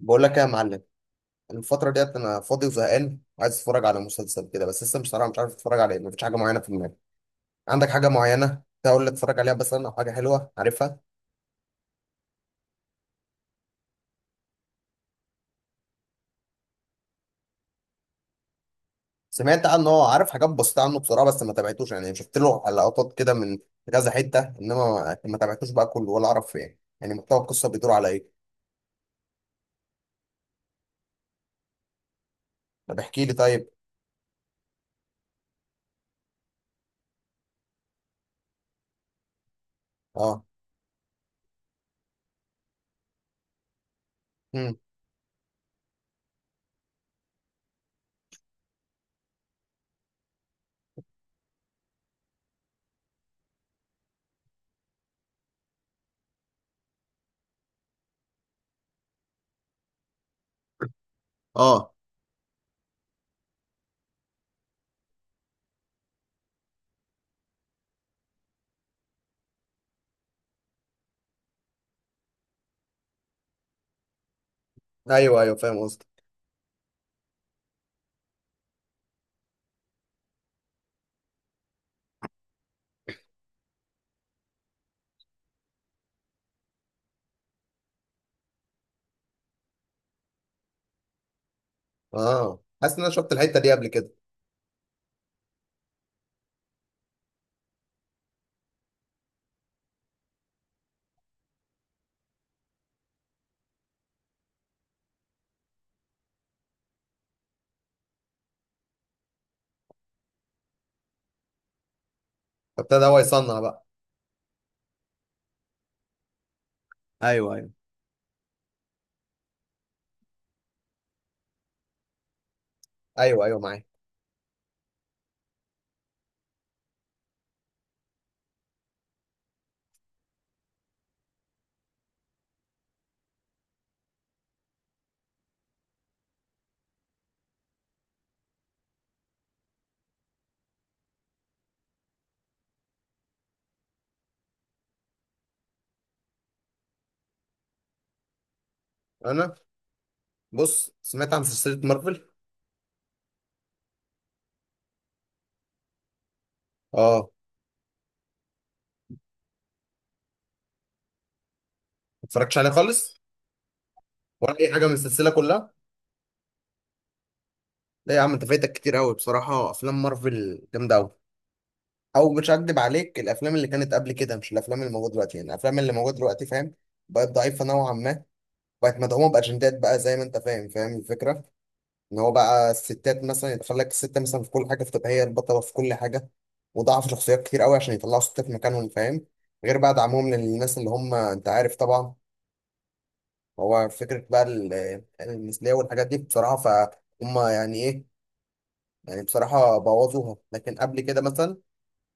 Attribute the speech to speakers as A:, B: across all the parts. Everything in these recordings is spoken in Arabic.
A: بقول لك ايه يا معلم. أنا الفترة ديت انا فاضي وزهقان وعايز اتفرج على مسلسل كده، بس لسه بصراحة مش عارف اتفرج على ايه، مفيش حاجة معينة في دماغي. عندك حاجة معينة تقول لي اتفرج عليها مثلا او حاجة حلوة عارفها؟ سمعت عنه، هو عارف حاجات بسيطة عنه بصراحة، بس ما تابعتوش، يعني شفت له لقطات كده من كذا حتة، انما ما تابعتوش بقى كله ولا اعرف، يعني محتوى القصة بيدور على ايه؟ طب احكي لي طيب. اه. امم اه. ايوه ايوه، فاهم قصدك. اه، حاسس ان انا شفت الحتة دي قبل كده. فابتدى هو يصنع بقى. ايوه ايوه. ايوه ايوه معايا. انا؟ بص، سمعت عن سلسلة مارفل؟ اه. ما اتفرجتش عليها خالص؟ ولا أي حاجة من السلسلة كلها؟ لا يا عم، أنت فايتك كتير أوي بصراحة، أفلام مارفل جامدة أوي. أو مش هكدب عليك، الأفلام اللي كانت قبل كده مش الأفلام اللي موجودة دلوقتي، يعني الأفلام اللي موجودة دلوقتي فاهم، بقت ضعيفة نوعا ما، بقت مدعومة بأجندات بقى زي ما أنت فاهم، فاهم الفكرة؟ إن هو بقى الستات مثلا يدخل لك الست مثلا في كل حاجة فتبقى هي البطلة في كل حاجة، وضعف شخصيات كتير أوي عشان يطلعوا ستات في مكانهم، فاهم؟ غير بقى دعمهم للناس اللي هم أنت عارف طبعا، هو فكرة بقى المثلية والحاجات دي بصراحة، فهم يعني إيه، يعني بصراحة بوظوها. لكن قبل كده مثلا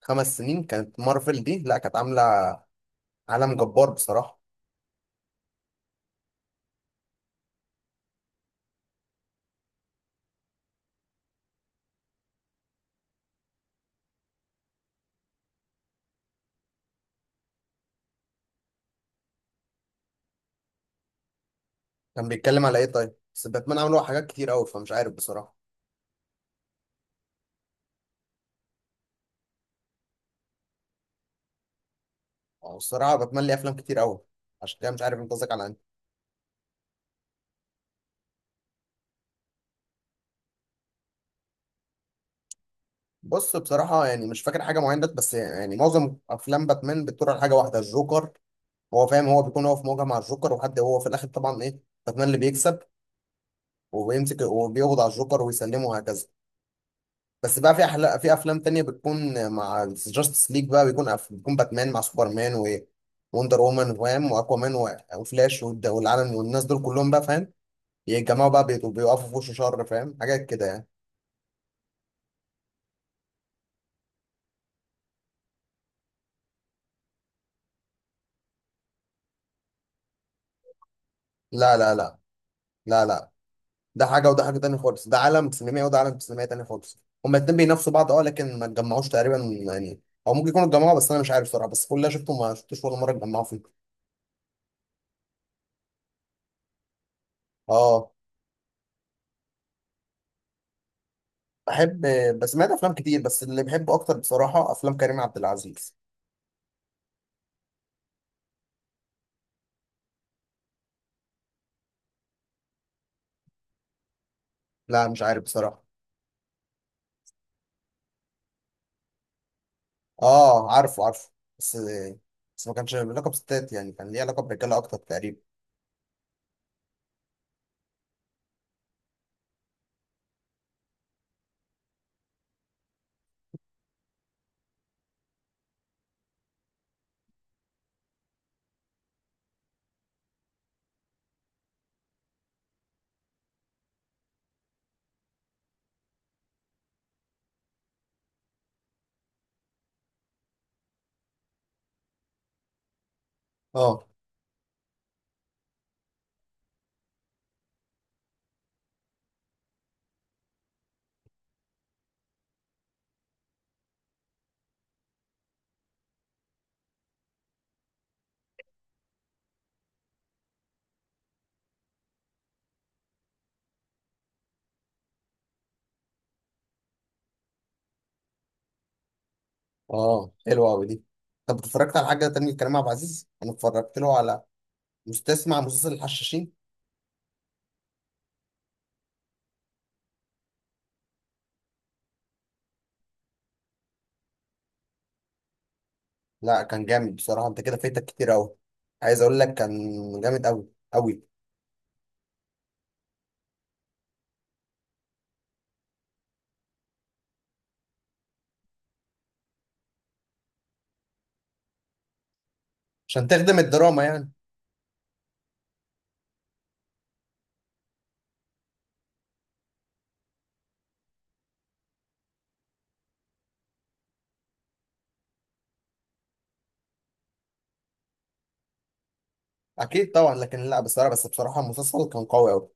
A: خمس سنين كانت مارفل دي، لا كانت عاملة عالم جبار بصراحة. كان بيتكلم على إيه طيب؟ بس باتمان عملوا حاجات كتير أوي، فمش عارف بصراحة. أو الصراحة باتمان ليه أفلام كتير أوي، عشان كده مش عارف أنت قصدك على أنهي. بص بصراحة يعني مش فاكر حاجة معينة، بس يعني معظم أفلام باتمان بتدور على حاجة واحدة، الجوكر. هو فاهم، هو بيكون هو في مواجهة مع الجوكر، وحد هو في الآخر طبعا إيه، باتمان اللي بيكسب وبيمسك وبيقبض على الجوكر ويسلمه، وهكذا. بس بقى في أحلى، في افلام تانية بتكون مع جاستس ليج بقى، بيكون بيكون باتمان مع سوبرمان و وندر وومن، فاهم، واكوامان وفلاش والعالم والناس دول كلهم بقى فاهم، يتجمعوا بقى بيقفوا في وش شر، فاهم، حاجات كده يعني. لا لا لا. لا لا، ده حاجة وده حاجة تانية خالص، ده عالم سينمائي وده عالم سينمائي تاني خالص، هما الاتنين بينافسوا بعض. اه لكن ما اتجمعوش تقريبا يعني، او ممكن يكونوا اتجمعوا بس انا مش عارف صراحة، بس كل اللي أنا شفته ما شفتوش ولا مرة اتجمعوا فيه. اه بحب. بس سمعت افلام كتير، بس اللي بحبه اكتر بصراحه افلام كريم عبد العزيز. لا مش عارف بصراحه. اه عارفه عارفه، بس بس ما كانش لقب ستات يعني، كان ليه علاقه برجاله اكتر تقريبا. اه. اه حلوه قوي دي. طب اتفرجت على حاجه تانية لكريم عبد العزيز؟ انا اتفرجت له على مستسمع مسلسل الحشاشين. لا كان جامد بصراحه، انت كده فايتك كتير قوي، عايز اقول لك كان جامد قوي قوي. عشان تخدم الدراما يعني. اكيد طبعا، لكن لا بصراحه، بس بصراحه المسلسل كان قوي قوي.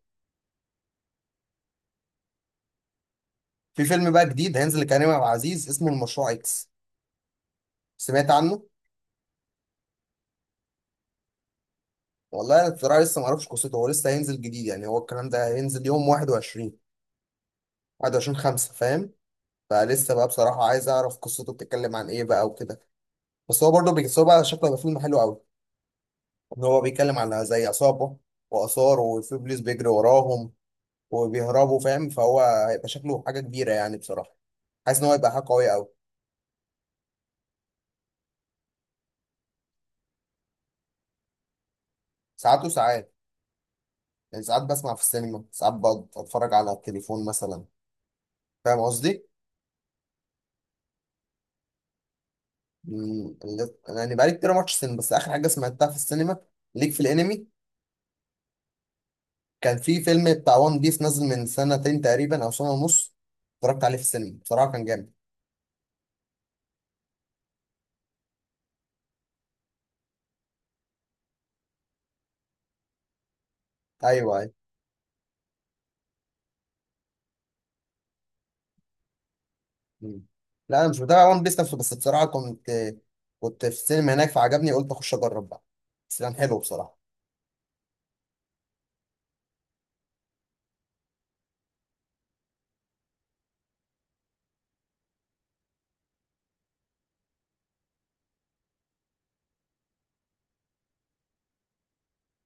A: في فيلم بقى جديد هينزل لكريم عبد العزيز اسمه المشروع اكس، سمعت عنه؟ والله انا بصراحه لسه ما اعرفش قصته، هو لسه هينزل جديد يعني، هو الكلام ده هينزل يوم 21، 21 5 فاهم، فلسه بقى بصراحه عايز اعرف قصته بتتكلم عن ايه بقى وكده، بس هو برضه بس هو بقى شكله هيبقى فيلم حلو قوي، ان هو بيتكلم على زي عصابه واثار، وفي بوليس بيجري وراهم وبيهربوا، فاهم، فهو هيبقى شكله حاجه كبيره يعني بصراحه، حاسس ان هو هيبقى حاجه قويه قوي. ساعات وساعات، يعني ساعات بسمع في السينما، ساعات بتفرج على التليفون مثلا، فاهم قصدي. أنا يعني بقالي كتير ماتش سينما، بس آخر حاجة سمعتها في السينما ليك في الأنمي، كان في فيلم بتاع وان بيس نازل من سنتين تقريبا أو سنة ونص، اتفرجت عليه في السينما بصراحة كان جامد. أيوه أيوه. مم. لا أنا مش متابع وان بيس نفسه، بس بصراحة كنت، كنت في السينما هناك فعجبني قلت أخش أجرب بقى، بس كان حلو بصراحة.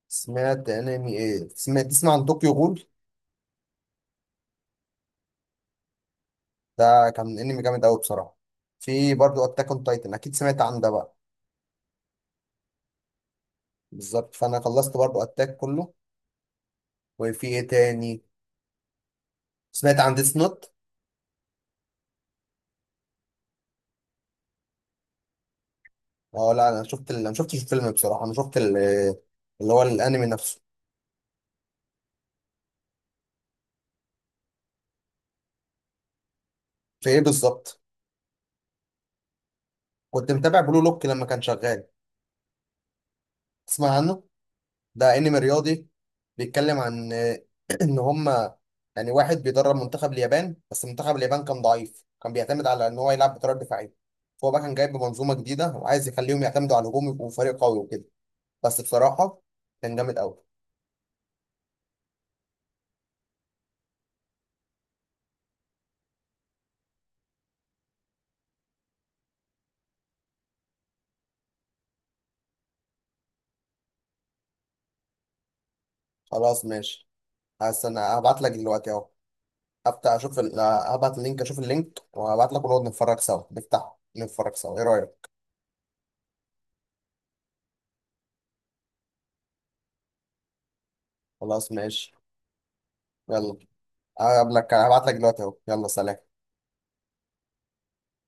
A: سمعت أنمي إيه، سمعت تسمع عن طوكيو غول؟ ده كان أنمي جامد أوي بصراحة. في برضه أتاك أون تايتن، أكيد سمعت عن ده بقى. بالظبط، فأنا خلصت برضه أتاك كله. وفي إيه تاني، سمعت عن ديس نوت؟ اه لا، انا شفت انا شفتش الفيلم بصراحه، انا شفت اللي هو الانمي نفسه. في ايه بالظبط؟ كنت متابع بلو لوك لما كان شغال. تسمع عنه؟ ده انمي رياضي، بيتكلم عن ان هما يعني، واحد بيدرب منتخب اليابان، بس منتخب اليابان كان ضعيف، كان بيعتمد على ان هو يلعب بطريقه دفاعيه، فهو بقى كان جايب منظومه جديده وعايز يخليهم يعتمدوا على الهجوم، يبقوا فريق قوي وكده، بس بصراحه كان جامد قوي. خلاص ماشي، هستنى هبعت لك دلوقتي اهو، هفتح اشوف هبعت اللينك، اشوف اللينك وهبعت لك، ونقعد نتفرج سوا، نفتحه نتفرج سوا، ايه رأيك؟ خلاص ماشي، يلا، هقابلك، هبعت لك دلوقتي اهو، يلا سلام.